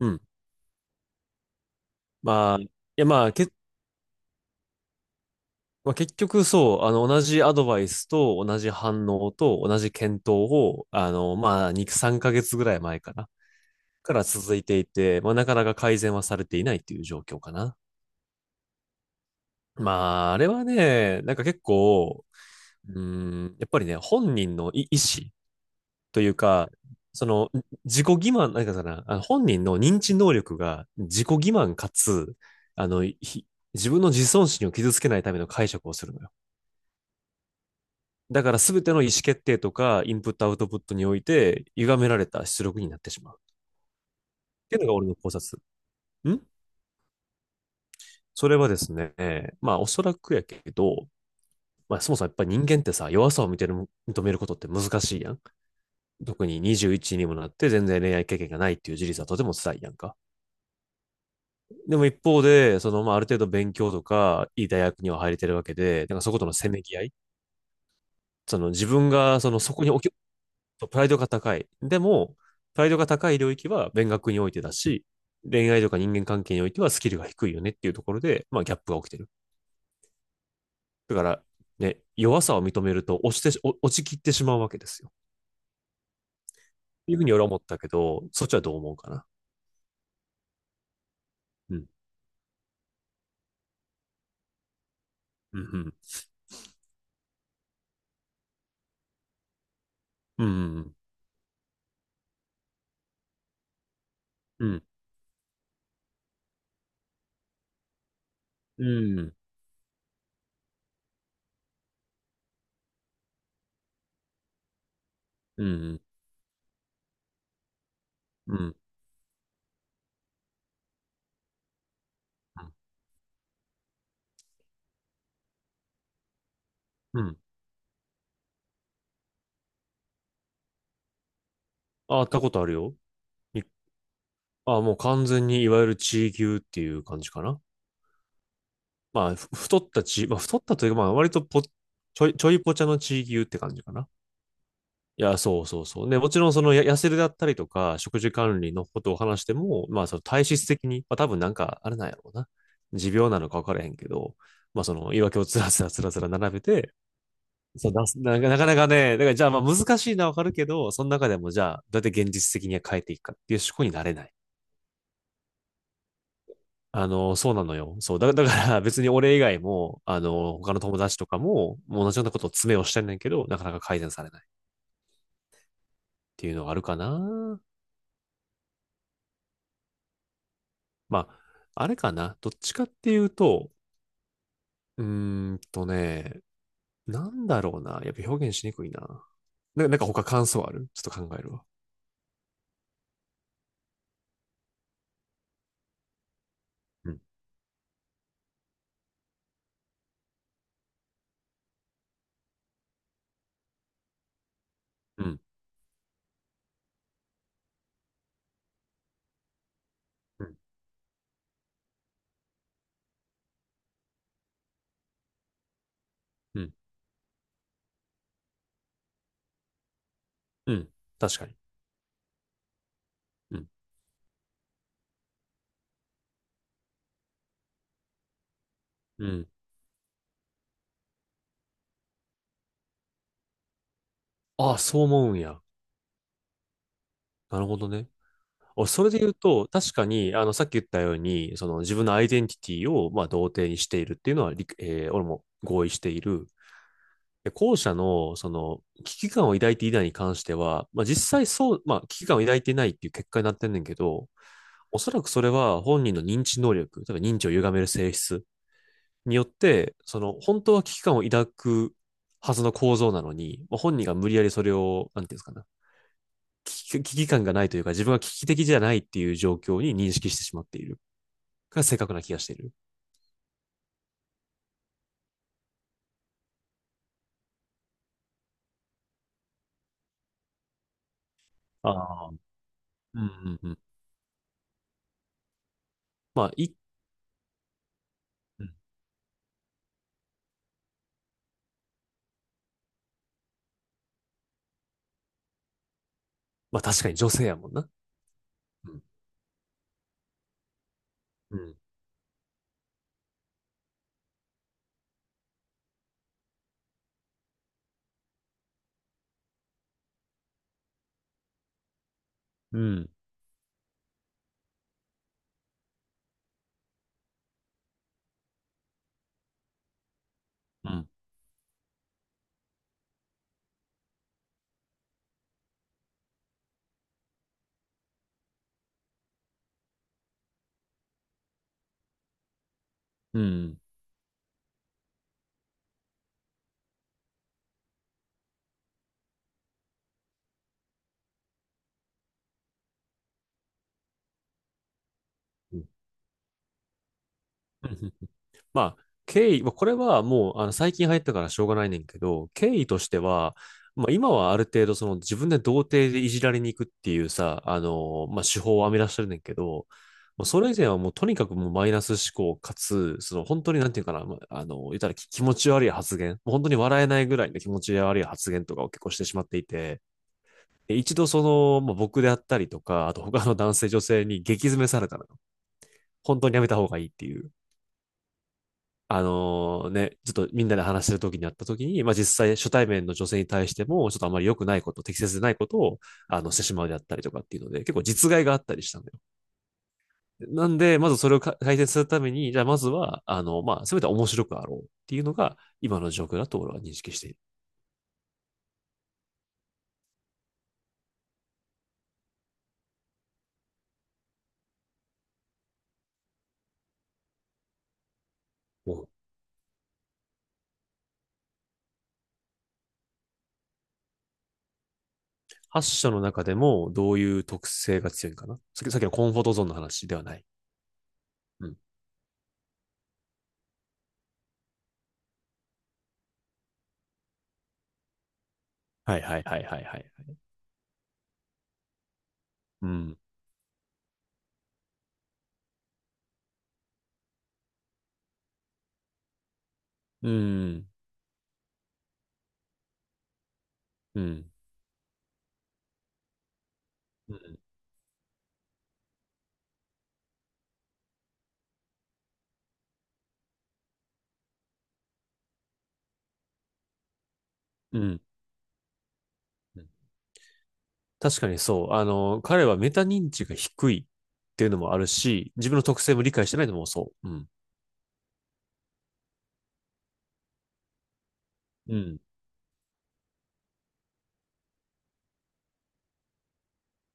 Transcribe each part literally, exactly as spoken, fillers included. うん。まあ、いやまあ、け、まあ、結局そう、あの、同じアドバイスと同じ反応と同じ検討を、あの、まあ、に、さんかげつぐらい前かなから続いていて、まあ、なかなか改善はされていないっていう状況かな。まあ、あれはね、なんか結構、うーん、やっぱりね、本人の意意思というか、その、自己欺瞞、なんかさな、あの本人の認知能力が自己欺瞞かつ、あの、ひ自分の自尊心を傷つけないための解釈をするのよ。だから全ての意思決定とか、インプットアウトプットにおいて、歪められた出力になってしまう。っていうのが俺の考察。んそれはですね、まあおそらくやけど、まあそもそもやっぱり人間ってさ、弱さを認める、認めることって難しいやん。特ににじゅういちにもなって全然恋愛経験がないっていう事実はとても辛いやんか。でも一方で、そのまあある程度勉強とか、いい大学には入れてるわけで、なんかそことのせめぎ合いその自分がそのそこに置そうプライドが高い。でも、プライドが高い領域は勉学においてだし、恋愛とか人間関係においてはスキルが低いよねっていうところで、まあギャップが起きてる。だから、ね、弱さを認めると落ちてお落ちきってしまうわけですよ。っていうふうに俺は思ったけど、そっちはどう思うかな。うん。うん。うん。うん。うん。うん。うん。うん。うん。うん。あ、あったことあるよ。にあ、もう完全にいわゆる地位牛っていう感じかな。まあ、ふ太ったち、まあ、太ったというか、まあ、割とぽ、ちょい、ちょいぽちゃの地域牛って感じかな。いや、そうそうそう。ね、もちろん、その、や痩せるだったりとか、食事管理のことを話しても、まあ、その体質的に、まあ、多分なんか、あれなんやろうな。持病なのか分からへんけど、まあ、その、言い訳をつらつらつらつら並べて、そう出すな、なかなかね、だから、じゃあ、まあ、難しいのは分かるけど、その中でも、じゃあ、どうやって現実的に変えていくかっていう思考になれない。あの、そうなのよ。そう。だ、だから別に俺以外も、あの、他の友達とかも、もう同じようなことを詰めをしてんねんけど、なかなか改善されないっていうのがあるかな。まあ、あれかな。どっちかっていうと、うーんとね、なんだろうな。やっぱ表現しにくいな。な、なんか他感想あるちょっと考えるわ。うん、うん、うん、うん、うん。確かに。うん、うん。ああ、そう思うんや。なるほどね。おそれで言うと、確かに、あの、さっき言ったように、その自分のアイデンティティを、まあ、同定にしているっていうのは、理えー俺も合意している。で後者の、その、危機感を抱いていないに関しては、まあ、実際そう、まあ、危機感を抱いていないっていう結果になってんねんけど、おそらくそれは本人の認知能力、例えば認知を歪める性質によって、その、本当は危機感を抱くはずの構造なのに、まあ、本人が無理やりそれを、なんていうんですかね、危機感がないというか、自分は危機的じゃないっていう状況に認識してしまっている。が正確な気がしている。ああ。うんうんうん。まあ、い、うん。まあ確かに女性やもんな。うん。うん。うん。うん。うん。うん。うん。うん。まあ、経緯、まあこれはもう、あの、最近入ったからしょうがないねんけど、経緯としては、まあ、今はある程度、その、自分で童貞でいじられに行くっていうさ、あの、まあ、手法を編み出してるねんけど、もうそれ以前はもう、とにかくもうマイナス思考かつ、その、本当になんていうかな、まああの、言ったらき気持ち悪い発言、もう本当に笑えないぐらいの気持ち悪い発言とかを結構してしまっていて、で一度その、まあ、僕であったりとか、あと他の男性女性に激詰めされたのよ。本当にやめた方がいいっていう。あのーね、ちょっとみんなで話してる時にあった時に、まあ実際初対面の女性に対しても、ちょっとあまり良くないこと、適切でないことを、あの、してしまうであったりとかっていうので、結構実害があったりしたんだよ。なんで、まずそれをか改善するために、じゃあまずは、あの、まあ、せめて面白くあろうっていうのが、今の状況だと俺は認識している。うん。はっ社の中でもどういう特性が強いのかな？さっきさっきのコンフォートゾーンの話ではない？うん。はいはいはいはいはい。うん。うん。うん。うん。うん。確かにそう。あの、彼はメタ認知が低いっていうのもあるし、自分の特性も理解してないのもそう。うん。うん。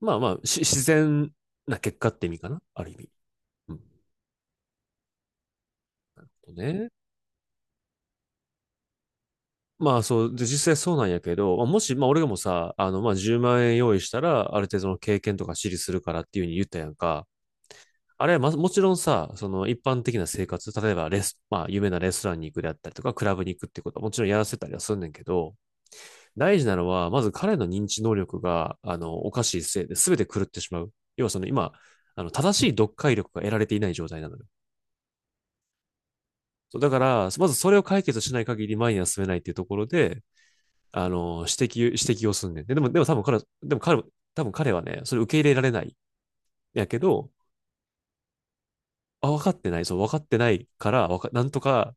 まあまあ、し自然な結果って意味かな。ある意味。うん。とね。まあそう、で、実際そうなんやけど、まあもし、まあ俺がもさ、あの、まあじゅうまん円用意したら、ある程度の経験とか知りするからっていうふうに言ったやんか。あれは、ま、もちろんさ、その一般的な生活、例えばレス、まあ有名なレストランに行くであったりとか、クラブに行くってことはもちろんやらせたりはすんねんけど、大事なのは、まず彼の認知能力が、あの、おかしいせいで全て狂ってしまう。要はその今、あの、正しい読解力が得られていない状態なのよ。そうだから、まずそれを解決しない限り前には進めないっていうところで、あの、指摘、指摘をすんねん。で、でも、でも多分彼は、でも彼も、多分彼はね、それ受け入れられない。やけど、あ、分かってない。そう、分かってないから、わか、なんとか、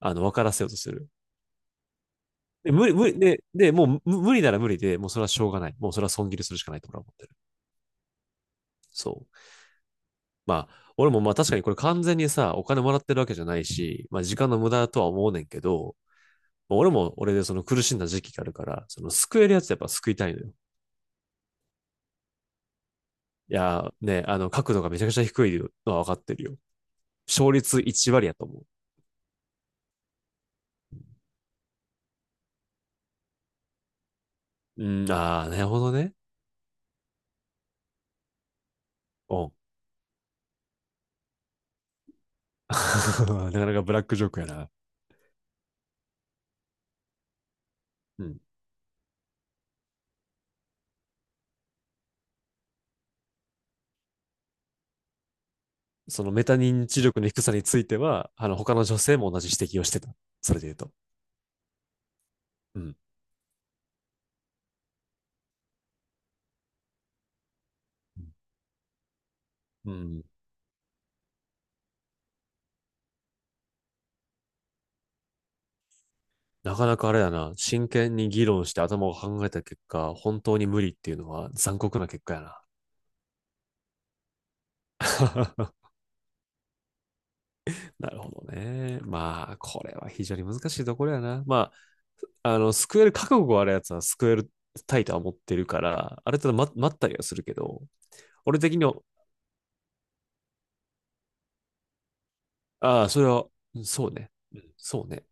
あの、分からせようとする。で、無理、無理、で、で、もう無無理なら無理で、もうそれはしょうがない。もうそれは損切りするしかないと俺は思ってる。そう。まあ、俺もまあ確かにこれ完全にさ、お金もらってるわけじゃないし、まあ時間の無駄とは思うねんけど、俺も俺でその苦しんだ時期があるから、その救えるやつやっぱ救いたいのよ。いやー、ね、あの角度がめちゃくちゃ低いのは分かってるよ。勝率いち割やと思う。うん、ああ、なるほどね。うん。なかなかブラックジョークやな。うん。そのメタ認知力の低さについては、あの他の女性も同じ指摘をしてた。それで言うと。うん。うん。なかなかあれだな、真剣に議論して頭を考えた結果、本当に無理っていうのは残酷な結果やな。なるほどね。まあ、これは非常に難しいところやな。まあ、あの、救える覚悟があるやつは救えるタイとは思ってるから、ある程度待待ったりはするけど、俺的には、ああ、それは、そうね。そうね。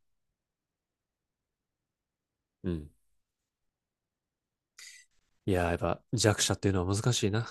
うん。いややっぱ弱者っていうのは難しいな。